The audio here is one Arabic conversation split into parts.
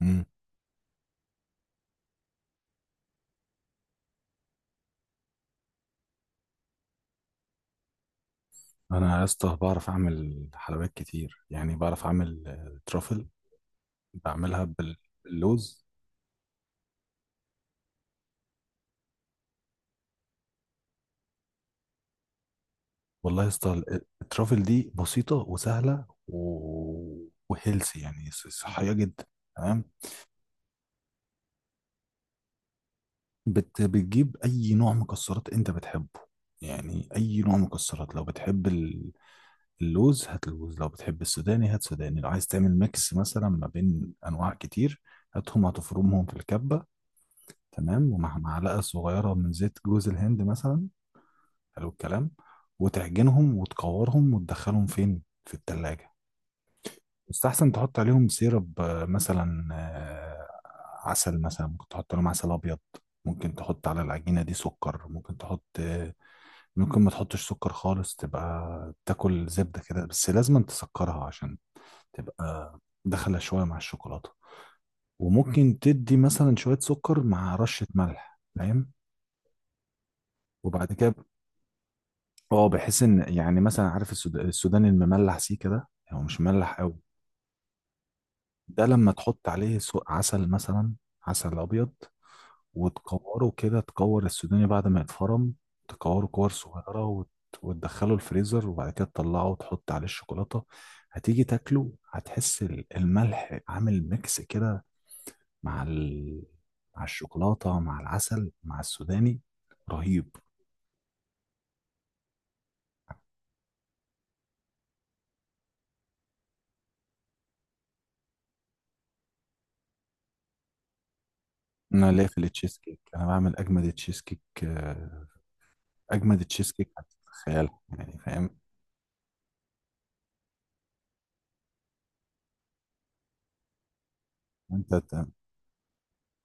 مم. انا يا اسطى بعرف اعمل حلويات كتير، يعني بعرف اعمل ترافل. بعملها بال- باللوز. والله يا اسطى الترافل دي بسيطه وسهله وهيلثي، يعني صحيه جدا. تمام. بتجيب اي نوع مكسرات انت بتحبه، يعني اي نوع مكسرات. لو بتحب اللوز هات لوز، لو بتحب السوداني هات سوداني، لو عايز تعمل ميكس مثلا ما بين انواع كتير هاتهم، هتفرمهم في الكبه. تمام، ومع معلقة صغيرة من زيت جوز الهند مثلا. حلو الكلام. وتعجنهم وتكورهم وتدخلهم فين؟ في التلاجة. يستحسن تحط عليهم سيرب، مثلا، عسل مثلا، ممكن تحط عليهم عسل أبيض، ممكن تحط على العجينة دي سكر، ممكن تحط، ممكن ما تحطش سكر خالص، تبقى تاكل زبدة كده، بس لازم تسكرها عشان تبقى داخلة شوية مع الشوكولاتة. وممكن تدي مثلا شوية سكر مع رشة ملح، فاهم؟ وبعد كده اه بحس ان يعني مثلا، عارف السوداني المملح سيكا ده؟ هو مش مملح قوي. ده لما تحط عليه عسل مثلا، عسل ابيض، وتكوره كده، تكور السوداني بعد ما يتفرم. تكوره كور صغيره وتدخله الفريزر وبعد كده تطلعه وتحط عليه الشوكولاته. هتيجي تاكله، هتحس الملح عامل ميكس كده، مع ال... مع الشوكولاته مع العسل مع السوداني. رهيب. انا ليا في التشيز كيك، انا بعمل اجمد تشيز كيك، اجمد تشيز كيك هتتخيل، يعني فاهم؟ انت ت-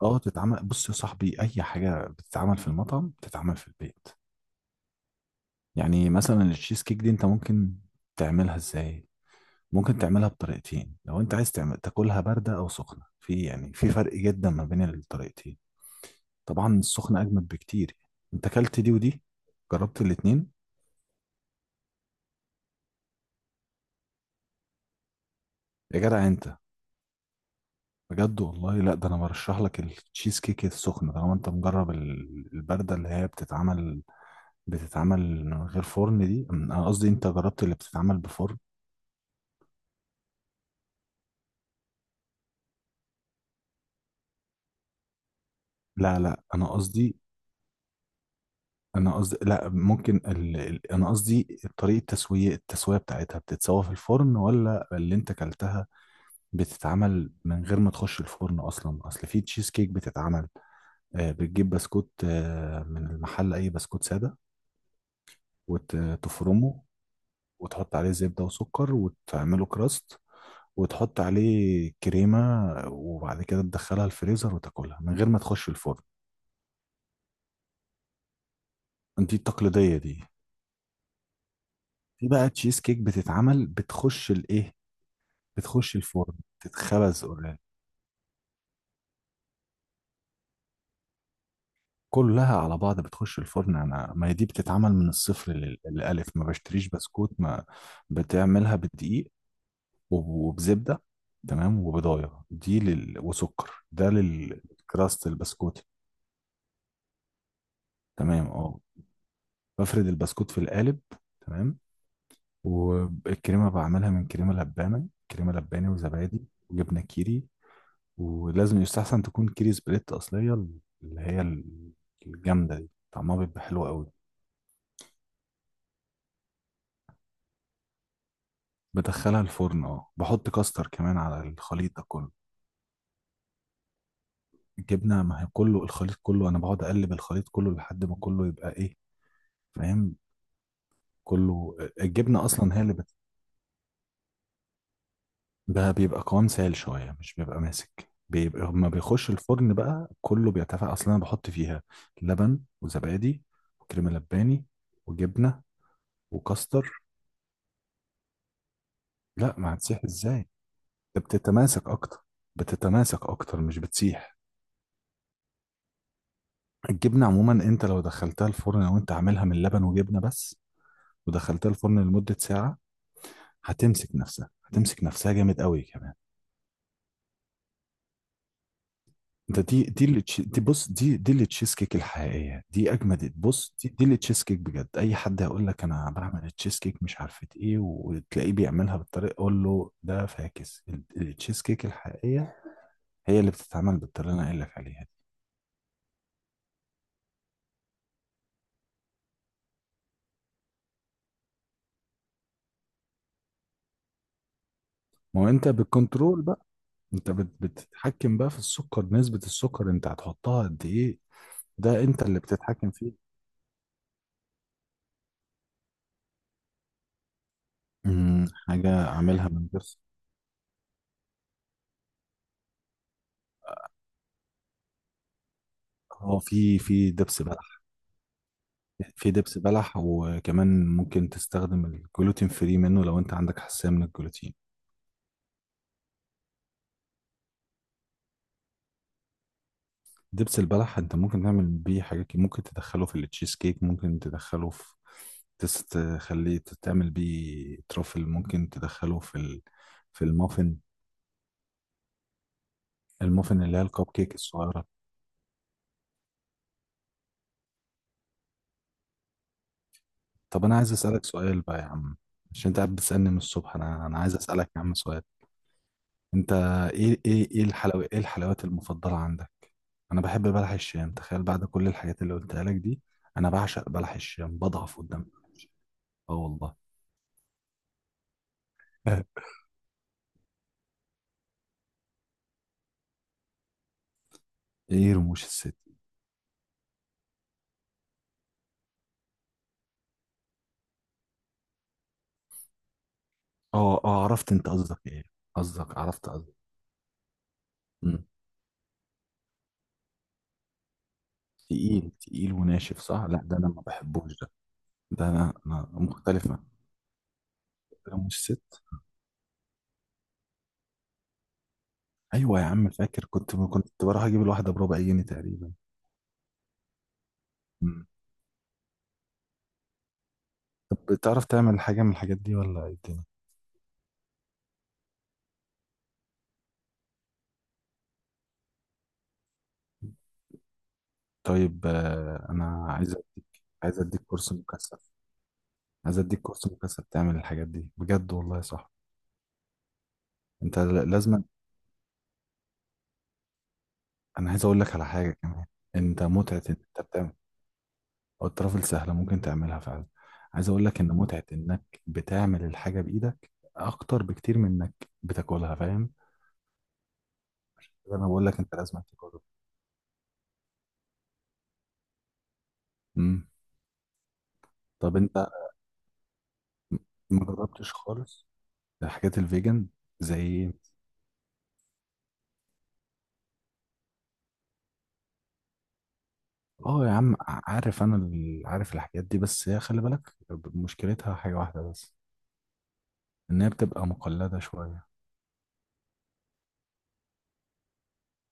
اه تتعمل. بص يا صاحبي، اي حاجه بتتعمل في المطعم بتتعمل في البيت. يعني مثلا التشيز كيك دي انت ممكن تعملها ازاي؟ ممكن تعملها بطريقتين، لو انت عايز تعمل تاكلها بارده او سخنه، في يعني في فرق جدا ما بين الطريقتين. طبعا السخنه اجمد بكتير. انت اكلت دي ودي؟ جربت الاتنين؟ يا جدع انت، بجد والله. لا، ده انا برشح لك التشيز كيك السخنه طالما انت مجرب البارده، اللي هي بتتعمل من غير فرن. دي انا قصدي انت جربت اللي بتتعمل بفرن؟ لا لا، انا قصدي لا، ممكن انا قصدي، طريقة التسوية، التسوية بتاعتها بتتسوى في الفرن، ولا اللي انت كلتها بتتعمل من غير ما تخش الفرن اصلا؟ اصل في تشيز كيك بتتعمل، بتجيب بسكوت من المحل، اي بسكوت سادة، وتفرمه وتحط عليه زبدة وسكر وتعمله كراست، وتحط عليه كريمة، وبعد كده تدخلها الفريزر وتاكلها من غير ما تخش الفرن. دي التقليدية دي. في بقى تشيز كيك بتتعمل بتخش الايه؟ بتخش الفرن، تتخبز اوريدي، كلها على بعض بتخش الفرن. انا، ما هي دي بتتعمل من الصفر للالف، ما بشتريش بسكوت، ما بتعملها بدقيق وبزبدة. تمام. وبضايه دي، وسكر ده للكراست البسكوت. تمام، اه. بفرد البسكوت في القالب. تمام. والكريمة بعملها من كريمة لبانة، كريمة لباني وزبادي وجبنة كيري. ولازم يستحسن تكون كيري سبليت أصلية، اللي هي الجامدة دي، طعمها بيبقى حلو قوي. بدخلها الفرن، اه، بحط كاستر كمان على الخليط ده كله. الجبنة، ما هي كله، الخليط كله أنا بقعد أقلب الخليط كله لحد ما كله يبقى إيه، فاهم؟ كله، الجبنة أصلا هي اللي، ده بيبقى قوام سائل شوية، مش بيبقى ماسك. بيبقى لما بيخش الفرن بقى كله بيتفاعل. أصلا أنا بحط فيها لبن وزبادي وكريمة لباني وجبنة وكاستر. لا، ما هتسيح ازاي؟ ده بتتماسك أكتر، بتتماسك أكتر مش بتسيح. الجبنة عموما، أنت لو دخلتها الفرن أو أنت عاملها من لبن وجبنة بس ودخلتها الفرن لمدة ساعة، هتمسك نفسها، هتمسك نفسها جامد قوي كمان. ده دي دي اللي تش- دي بص دي اللي تشيز كيك الحقيقيه، دي اجمد. بص، دي اللي تشيز كيك بجد. اي حد هيقول لك انا بعمل التشيز كيك مش عارفه ايه، وتلاقيه بيعملها بالطريقه، قول له ده فاكس. التشيز كيك الحقيقيه هي اللي بتتعمل بالطريقه اللي انا قايل لك عليها دي. ما هو انت بالكنترول بقى، انت بتتحكم بقى في السكر، نسبه السكر انت هتحطها قد ايه، ده انت اللي بتتحكم فيه. حاجه اعملها من غير سكر. هو في دبس بلح. في دبس بلح وكمان ممكن تستخدم الجلوتين فري منه لو انت عندك حساسية من الجلوتين. دبس البلح انت ممكن تعمل بيه حاجات كتير. ممكن تدخله في التشيز كيك، ممكن تدخله تخليه تعمل بيه ترافل، ممكن تدخله في المافن. المافن اللي هي الكب كيك الصغيرة. طب انا عايز اسألك سؤال بقى يا عم، عشان انت قاعد بتسألني من الصبح. انا عايز اسألك يا عم سؤال. انت ايه ايه ايه الحلوى ايه الحلويات المفضلة عندك؟ انا بحب بلح الشام، تخيل، بعد كل الحاجات اللي قلتها لك دي. انا بعشق بلح الشام، بضعف قدامه. اه، والله. ايه رموش الست؟ اه اه، عرفت انت قصدك ايه. قصدك، عرفت قصدك. مم. تقيل تقيل وناشف، صح؟ لا، ده انا ما بحبوش ده. ده انا مختلف معاك. رموش الست. ايوه يا عم، فاكر كنت بروح اجيب الواحدة بربع جنيه تقريبا. مم. طب بتعرف تعمل حاجة من الحاجات دي ولا ايه الدنيا؟ طيب، انا عايز اديك، عايز اديك كورس مكثف عايز اديك كورس مكثف تعمل الحاجات دي بجد والله، صح. انت لازم. انا عايز اقول لك على حاجه كمان. انت متعه ان انت بتعمل، او الطرف السهله ممكن تعملها فعلا. عايز اقول لك ان متعه انك بتعمل الحاجه بايدك اكتر بكتير من انك بتاكلها، فاهم؟ انا بقول لك انت لازم تجرب. امم. طب انت ما جربتش خالص الحاجات الفيجن؟ زي إيه؟ اه يا عم، عارف انا، عارف الحاجات دي، بس هي خلي بالك، مشكلتها حاجة واحدة بس، ان هي بتبقى مقلدة شوية،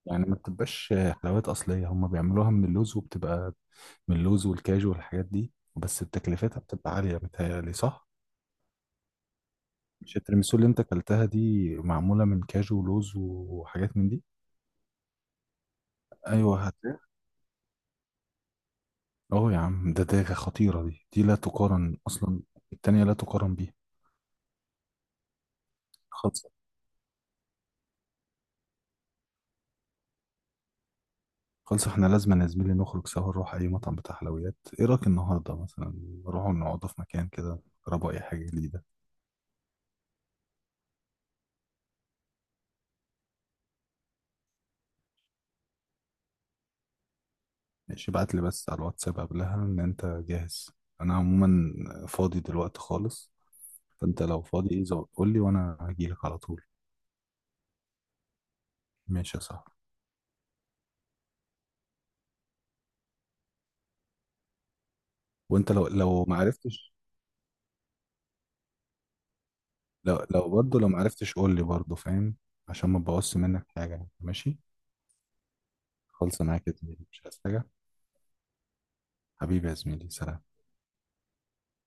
يعني ما بتبقاش حلويات اصلية. هما بيعملوها من اللوز وبتبقى من اللوز والكاجو والحاجات دي، بس بتكلفتها بتبقى عالية متهيألي، صح؟ مش التيراميسو اللي انت اكلتها دي معمولة من كاجو ولوز وحاجات من دي؟ ايوه، اه يا عم، ده خطيرة، دي لا تقارن اصلا. التانية لا تقارن بيها. خلص، احنا لازم يا زميلي نخرج سوا، نروح اي مطعم بتاع حلويات، ايه رايك النهارده مثلا؟ نروح نقعد في مكان كده، نجربوا اي حاجه جديده. ماشي، ابعت لي بس على الواتساب قبلها ان انت جاهز. انا عموما فاضي دلوقتي خالص، فانت لو فاضي قول لي وانا هجيلك على طول. ماشي يا صاحبي. وانت لو ما عرفتش، لو برضه لو ما عرفتش قول لي برضه، فاهم؟ عشان ما تبوظش منك حاجه يعني. ماشي. خلص معاك يا زميلي، مش عايز حاجه. حبيبي يا زميلي، سلام.